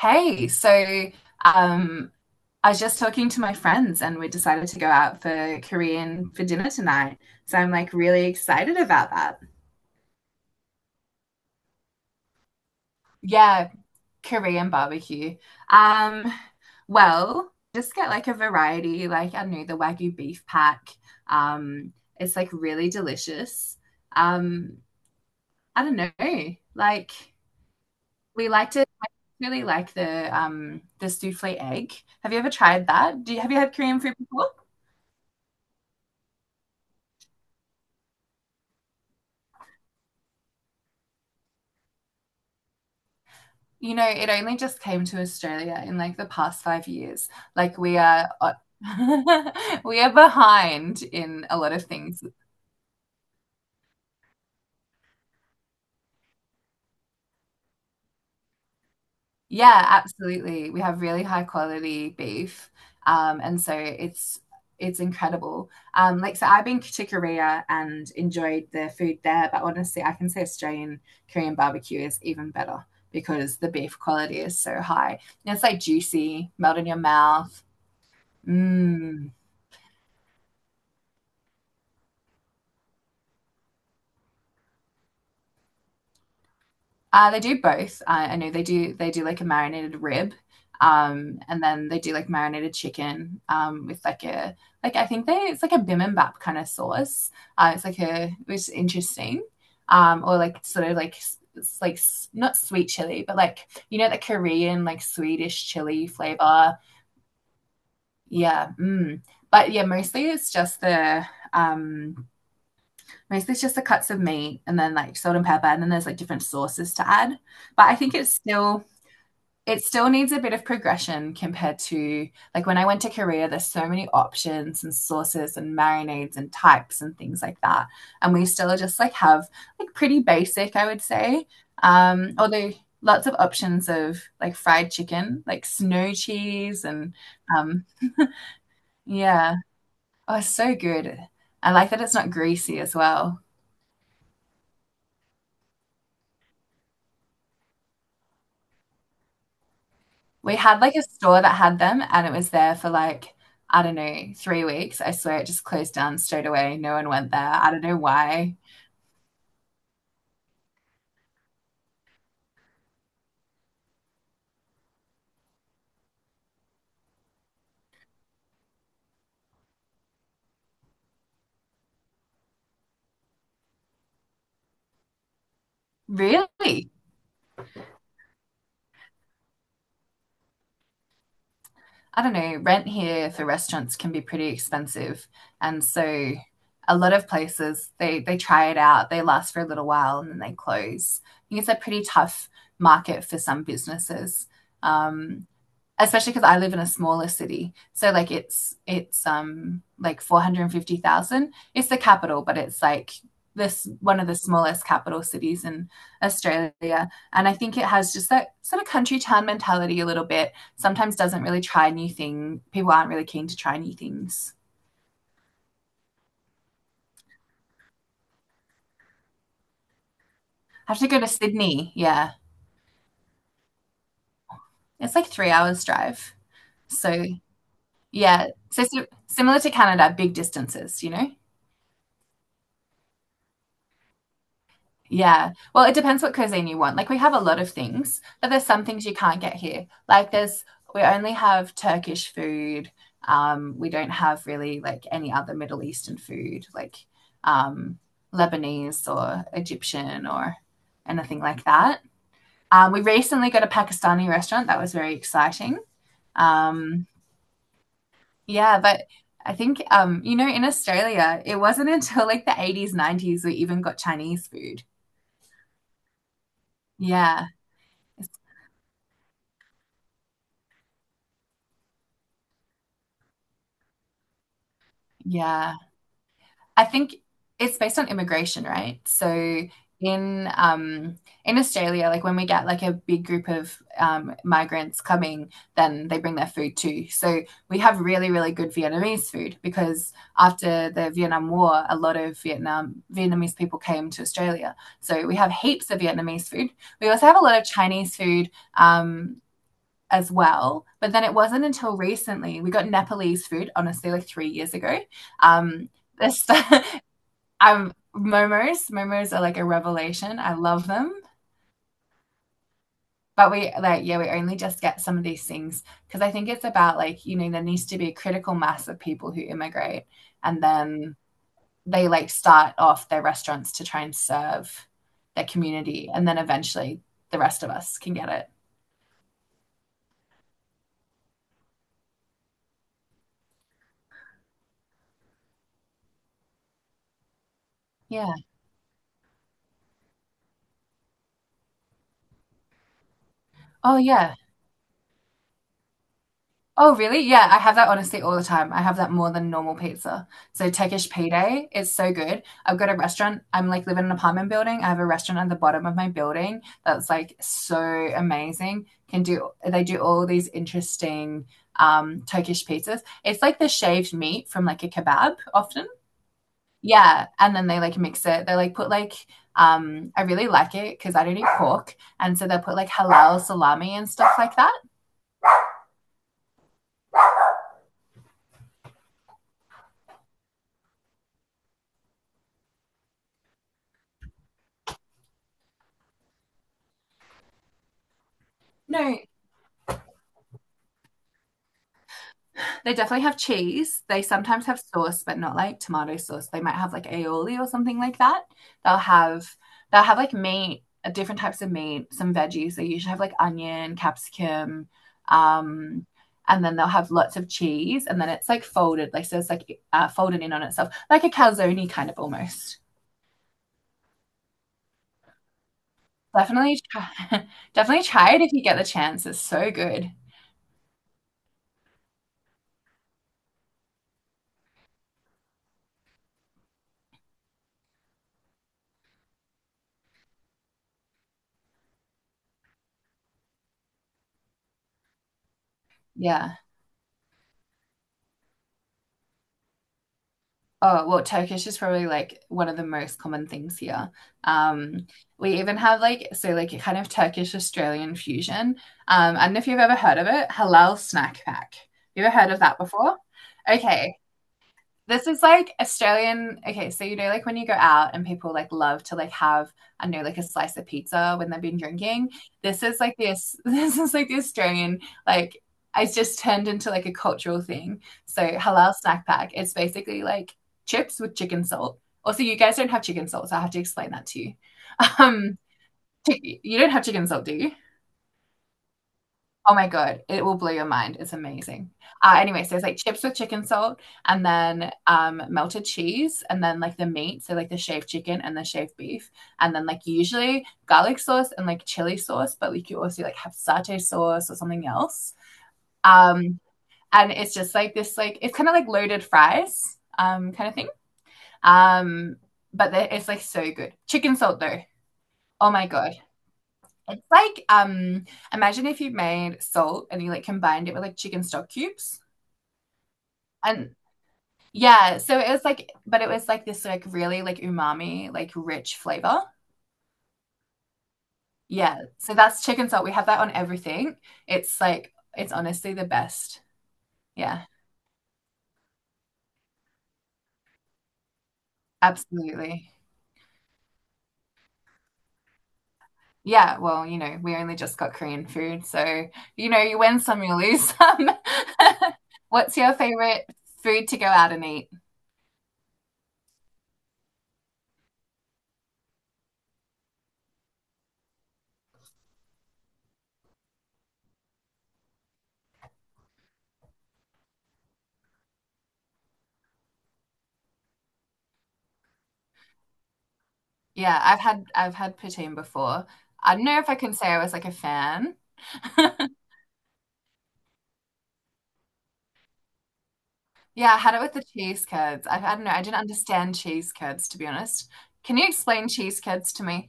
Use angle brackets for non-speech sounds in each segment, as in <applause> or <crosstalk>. Hey, um, I was just talking to my friends and we decided to go out for Korean for dinner tonight. So I'm like really excited about that. Yeah, Korean barbecue. Um, well, just get like a variety, like I don't know, the Wagyu beef pack. Um, it's like really delicious. Um, I don't know, like we like to I really like the souffle egg. Have you ever tried that? Do you have you had Korean food before? You know, it only just came to Australia in like the past 5 years. Like we are <laughs> we are behind in a lot of things. Yeah, absolutely. We have really high quality beef. And so it's incredible. Like so I've been to Korea and enjoyed the food there, but honestly, I can say Australian Korean barbecue is even better because the beef quality is so high. And it's like juicy, melt in your mouth. Mmm. They do both. I know they do. They do like a marinated rib, and then they do like marinated chicken with like a like I think they it's like a bibimbap kind of sauce. It's like a Which is interesting, or like sort of like it's like not sweet chili, but like you know the Korean like Swedish chili flavor. Yeah, But yeah, um, mostly it's just the cuts of meat and then like salt and pepper, and then there's like different sauces to add. But I think it still needs a bit of progression compared to, like, when I went to Korea, there's so many options and sauces and marinades and types and things like that. And we still just have like pretty basic, I would say. Although lots of options of like fried chicken, like snow cheese and um, yeah. Oh, it's so good. I like that it's not greasy as well. We had like a store that had them and it was there for like, I don't know, 3 weeks. I swear it just closed down straight away. No one went there. I don't know why. Really? I don't know. Rent here for restaurants can be pretty expensive. And so a lot of places they try it out, they last for a little while and then they close. I think it's a pretty tough market for some businesses. Um, Especially because I live in a smaller city. So like it's like 450,000. It's the capital, but it's like this one of the smallest capital cities in Australia. And I think it has just that sort of country town mentality a little bit. Sometimes doesn't really try new things. People aren't really keen to try new things. I have to go to Sydney. Yeah. It's like 3 hours drive. So yeah. So, similar to Canada, big distances, you know? Yeah. Well, it depends what cuisine you want. Like we have a lot of things, but there's some things you can't get here. Like there's We only have Turkish food. We don't have really like any other Middle Eastern food, like um Lebanese or Egyptian or anything like that. We recently got a Pakistani restaurant. That was very exciting. Um, yeah, but I think you know, in Australia, it wasn't <laughs> until like the 80s, 90s we even got Chinese food. Yeah. Yeah. I think it's based on immigration, right? So in um in Australia, like when we get like a big group of migrants coming, then they bring their food too. So we have really, really good Vietnamese food because after the Vietnam War, a lot of Vietnamese people came to Australia. So we have heaps of Vietnamese food. We also have a lot of Chinese food, um as well. But then it wasn't until recently we got Nepalese food, honestly, like 3 years ago. Um, this <laughs> Momos, momos are like a revelation. I love them. But we like, yeah, we only just get some of these things because I think it's about like, you know, there needs to be a critical mass of people who immigrate and then they like start off their restaurants to try and serve their community and then eventually the rest of us can get it. Yeah. Oh yeah. Oh, really? Yeah, I have that honestly all the time. I have that more than normal pizza. So Turkish pide is so good. I've got a restaurant. I'm like living in an apartment building. I have a restaurant at the bottom of my building that's like so amazing. Can Do they do all these interesting Turkish pizzas. It's like the shaved meat from like a kebab often. Yeah, and then they like mix it. They like put like I really like it because I don't eat pork, and so they'll put like halal salami and stuff like that. No, they definitely have cheese. They sometimes have sauce, but not like tomato sauce. They might have like aioli or something like that. They'll have they'll have like meat, different types of meat, some veggies. They usually have like onion, capsicum, um, and then they'll have lots of cheese, and then it's like folded, like so it's like folded in on itself, like a calzone kind of almost. Definitely, try, <laughs> definitely try it if you get the chance. It's so good. Yeah. Oh, well, Turkish is probably like one of the most common things here. Um, we even have like, so like a kind of Turkish Australian fusion. I don't know if you've ever heard of it, halal snack pack. You ever heard of that before? Okay. This is like Australian. Okay, so you know, like when you go out and people like love to like have, I know, like a slice of pizza when they've been drinking. This is like this. <laughs> This is like the Australian. Like it's just turned into like a cultural thing. So halal snack pack. It's basically like chips with chicken salt. Also, you guys don't have chicken salt, so I have to explain that to you. <laughs> Um, you don't have chicken salt, do you? Oh my God, it will blow your mind. It's amazing. Anyway, so it's like chips with chicken salt and then melted cheese and then like the meat. So like the shaved chicken and the shaved beef. And then like usually garlic sauce and like chili sauce, but like you also like have satay sauce or something else. Um, and it's just like this, like it's kind of like loaded fries kind of thing. Um, but it's like so good. Chicken salt though. Oh my God. It's like imagine if you made salt and you like combined it with like chicken stock cubes. And yeah, so it was like this like really like umami, like rich flavor. Yeah. So that's chicken salt. We have that on everything. It's like it's honestly the best. Yeah, absolutely. Yeah, well, you know, we only just got Korean food, so you know, you win some, you lose some. <laughs> What's your favorite food to go out and eat? Yeah, I've had poutine before. I don't know if I can say I was like a fan. Yeah, I had it with the cheese curds. I don't know. I didn't understand cheese curds to be honest. Can you explain cheese curds to me?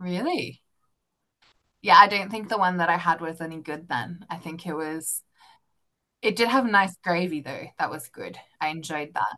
Really? Yeah, I don't think the one that I had was any good then. I think it was It did have nice gravy though. That was good. I enjoyed that.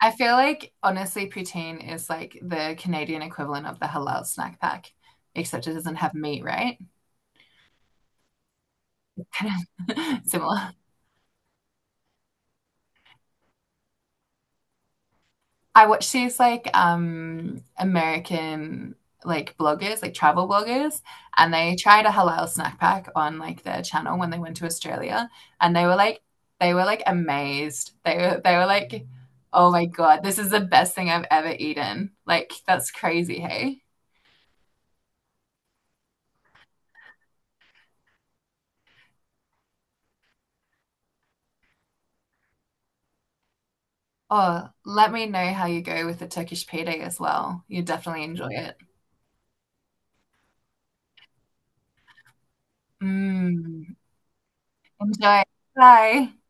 I feel like honestly poutine is like the Canadian equivalent of the halal snack pack, except it doesn't have meat, right? <laughs> Kind of <laughs> similar. I watch these like American like bloggers, like travel bloggers, and they tried a halal snack pack on like their channel when they went to Australia, and they were like amazed. They were like, "Oh my God, this is the best thing I've ever eaten." Like that's crazy, hey? Oh, let me know how you go with the Turkish pide as well. You definitely enjoy it. Mm, enjoy. Bye.